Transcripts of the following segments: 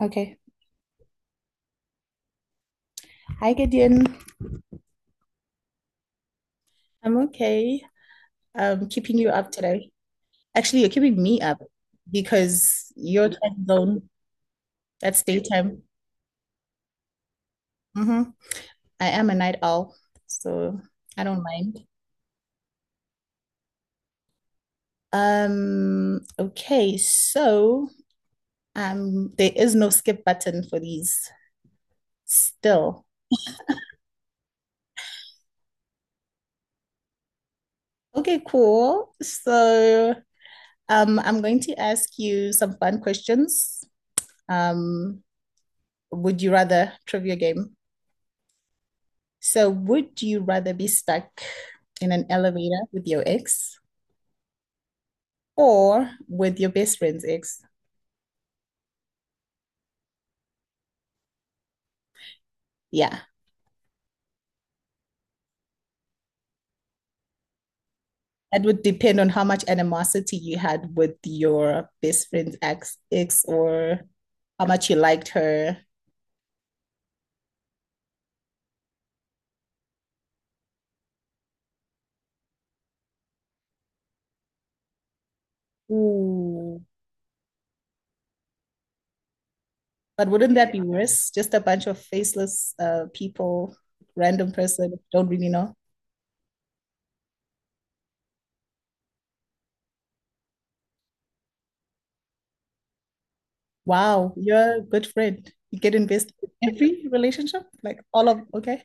Okay. Hi, Gideon. I'm okay. I'm keeping you up today. Actually, you're keeping me up because your time zone, that's daytime. hmm I am a night owl, so I don't mind. Okay, so there is no skip button for these still. Okay, cool. So I'm going to ask you some fun questions. Um, would you rather trivia game? So, would you rather be stuck in an elevator with your ex or with your best friend's ex? Yeah, that would depend on how much animosity you had with your best friend's ex or how much you liked her. Ooh. But wouldn't that be worse? Just a bunch of faceless people, random person, don't really know. Wow, you're a good friend. You get invested in every relationship, like all of, okay.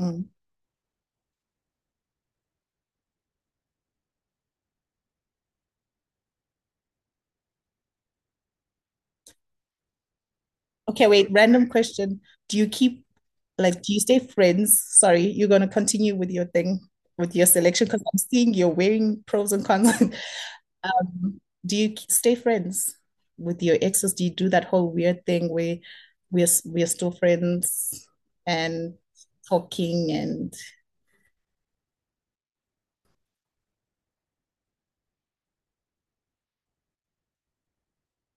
Mm. Okay, wait, random question. Do you keep like do you stay friends? Sorry, you're gonna continue with your thing with your selection because I'm seeing you're wearing pros and cons. Um, do you stay friends with your exes? Do you do that whole weird thing where we're still friends and talking and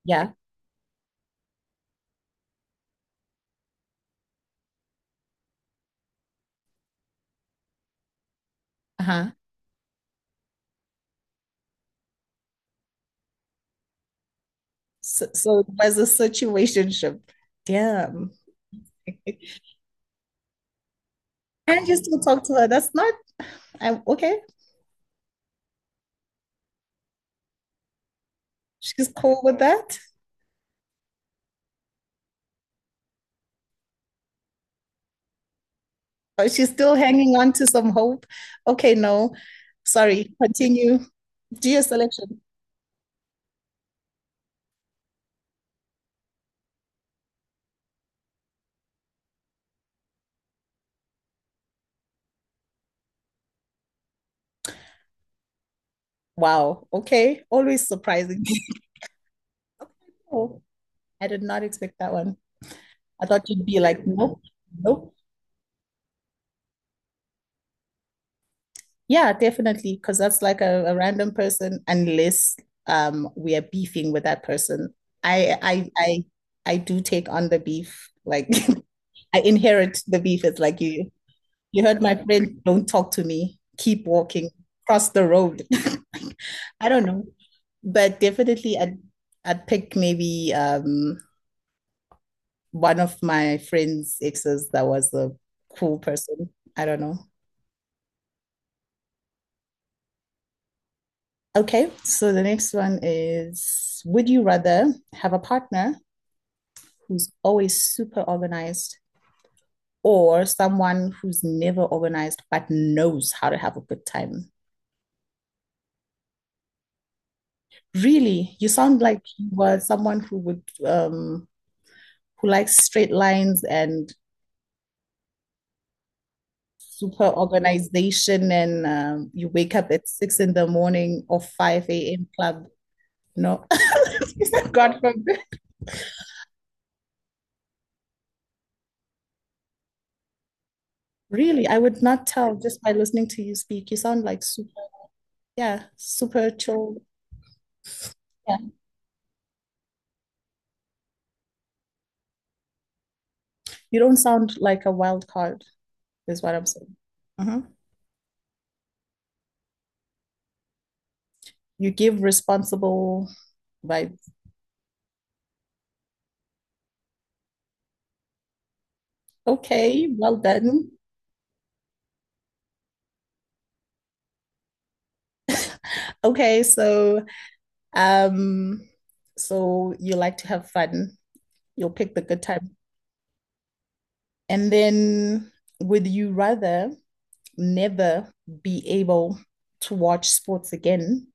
yeah, uh-huh. So it was a situationship. Damn. And you still talk to her. That's not I'm okay. She's cool with that. Oh, she's still hanging on to some hope. Okay, no, sorry, continue. Do your selection. Wow. Okay. Always surprising. Okay, cool. I did not expect that one. I thought you'd be like, nope, nope. Yeah, definitely. Because that's like a random person, unless we are beefing with that person. I I do take on the beef. Like I inherit the beef. It's like you heard my friend, don't talk to me. Keep walking. Cross the road. I don't know. But definitely I'd pick maybe one of my friend's exes that was a cool person. I don't know. Okay, so the next one is would you rather have a partner who's always super organized or someone who's never organized but knows how to have a good time? Really, you sound like you were someone who would who likes straight lines and super organization and you wake up at 6 in the morning or 5 a.m. club. No, God forbid. Really, I would not tell just by listening to you speak. You sound like super, yeah, super chill. Yeah, you don't sound like a wild card, is what I'm saying. Uh-huh. You give responsible vibes. Okay, well done. Okay, so um, so you like to have fun. You'll pick the good time. And then, would you rather never be able to watch sports again,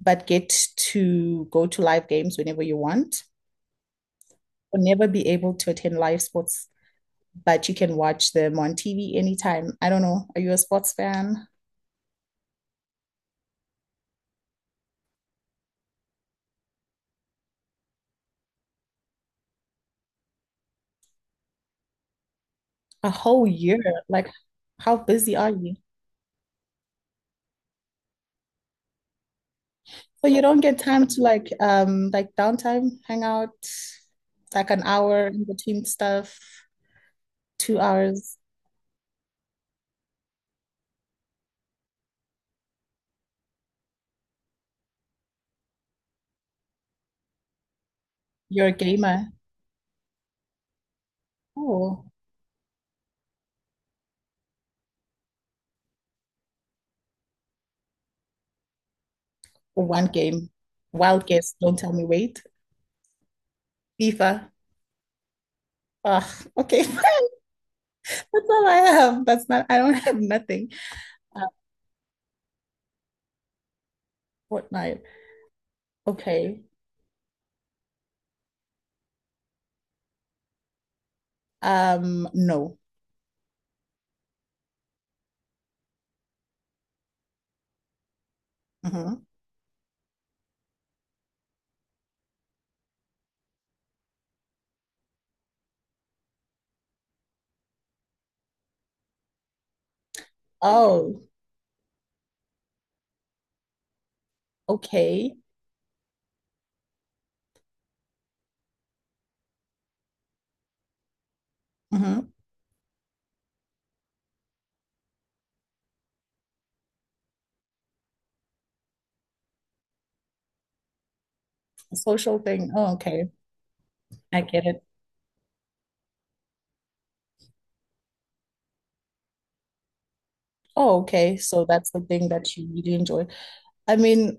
but get to go to live games whenever you want, or never be able to attend live sports, but you can watch them on TV anytime? I don't know. Are you a sports fan? A whole year? Like, how busy are you? So you don't get time to like downtime, hang out, like an hour in between stuff, 2 hours. You're a gamer. Oh, one game. Wild guess, don't tell me wait. FIFA. Ugh, okay. That's all I have. That's not I don't have nothing. Uh, Fortnite. Okay. No. hmm Oh, okay. hmm Social thing. Oh, okay. I get it. Oh, okay. So that's the thing that you really enjoy. I mean,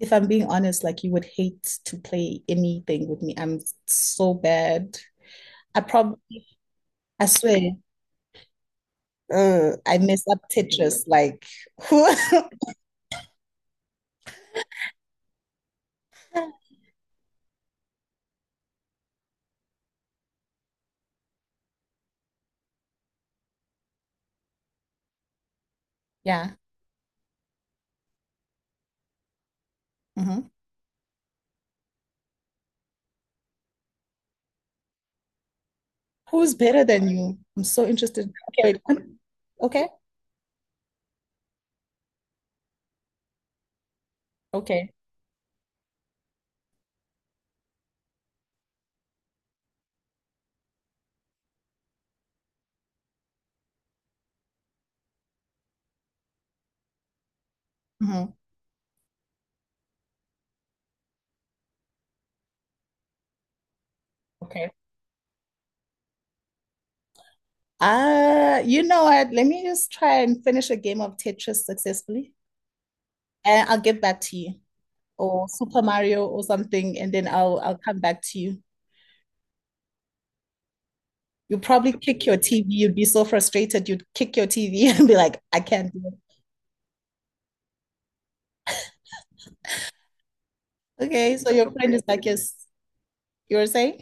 if I'm being honest, like you would hate to play anything with me. I'm so bad. I probably, I swear, I mess up Tetris. Like who? Yeah. hmm Who's better than you? I'm so interested. Okay, wait. Okay. Okay. hmm Okay. You know what? Let me just try and finish a game of Tetris successfully, and I'll get back to you, or Super Mario or something, and then I'll come back to you. You'd probably kick your TV. You'd be so frustrated. You'd kick your TV and be like, I can't do it. Okay, so your friend is like, yes, you were saying?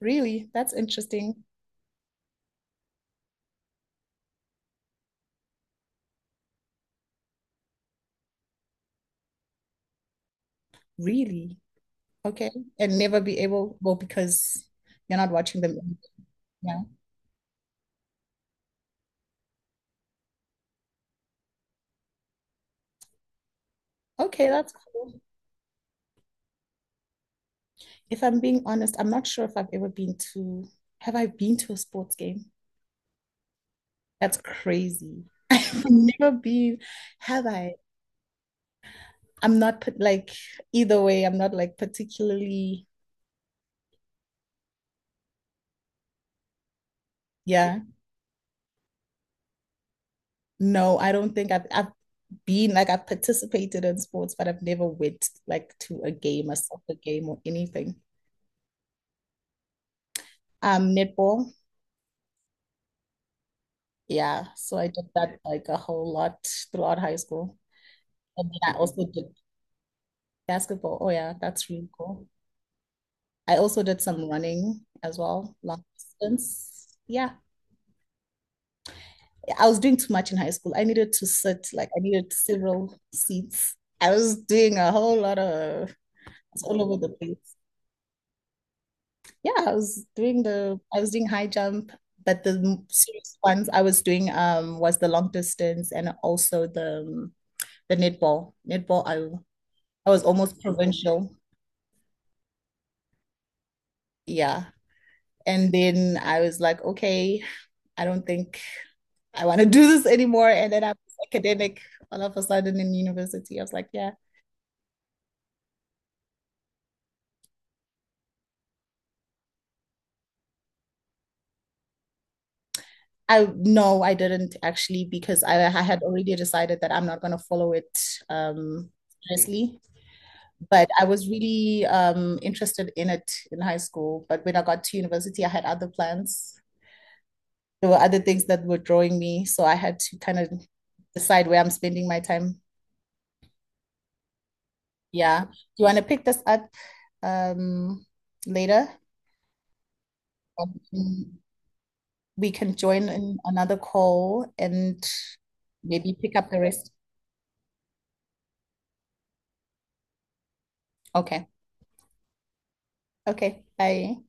Really? That's interesting. Really? Okay. And never be able, well, because you're not watching them. Yeah. Okay, that's cool. If I'm being honest, I'm not sure if I've ever been to, have I been to a sports game? That's crazy. I've never been, have I? I'm not put like either way, I'm not like particularly, yeah. No, I don't think I've been like I've participated in sports, but I've never went like to a game, a soccer game or anything. Netball, yeah. So I did that like a whole lot throughout high school. And then I also did basketball. Oh yeah, that's really cool. I also did some running as well, long distance. Yeah. I was doing too much in high school. I needed to sit, like I needed several seats. I was doing a whole lot of it's all over the place. Yeah, I was doing high jump, but the serious ones I was doing was the long distance and also the netball. Netball, I was almost provincial. Yeah. And then I was like, okay, I don't think I want to do this anymore. And then I was academic all of a sudden in university. I was like, yeah. I no, I didn't actually because I had already decided that I'm not going to follow it um seriously. But I was really interested in it in high school. But when I got to university, I had other plans. There were other things that were drawing me. So I had to kind of decide where I'm spending my time. Yeah. Do you want to pick this up um, later? Um, We can join in another call and maybe pick up the rest. Okay. Okay. Bye.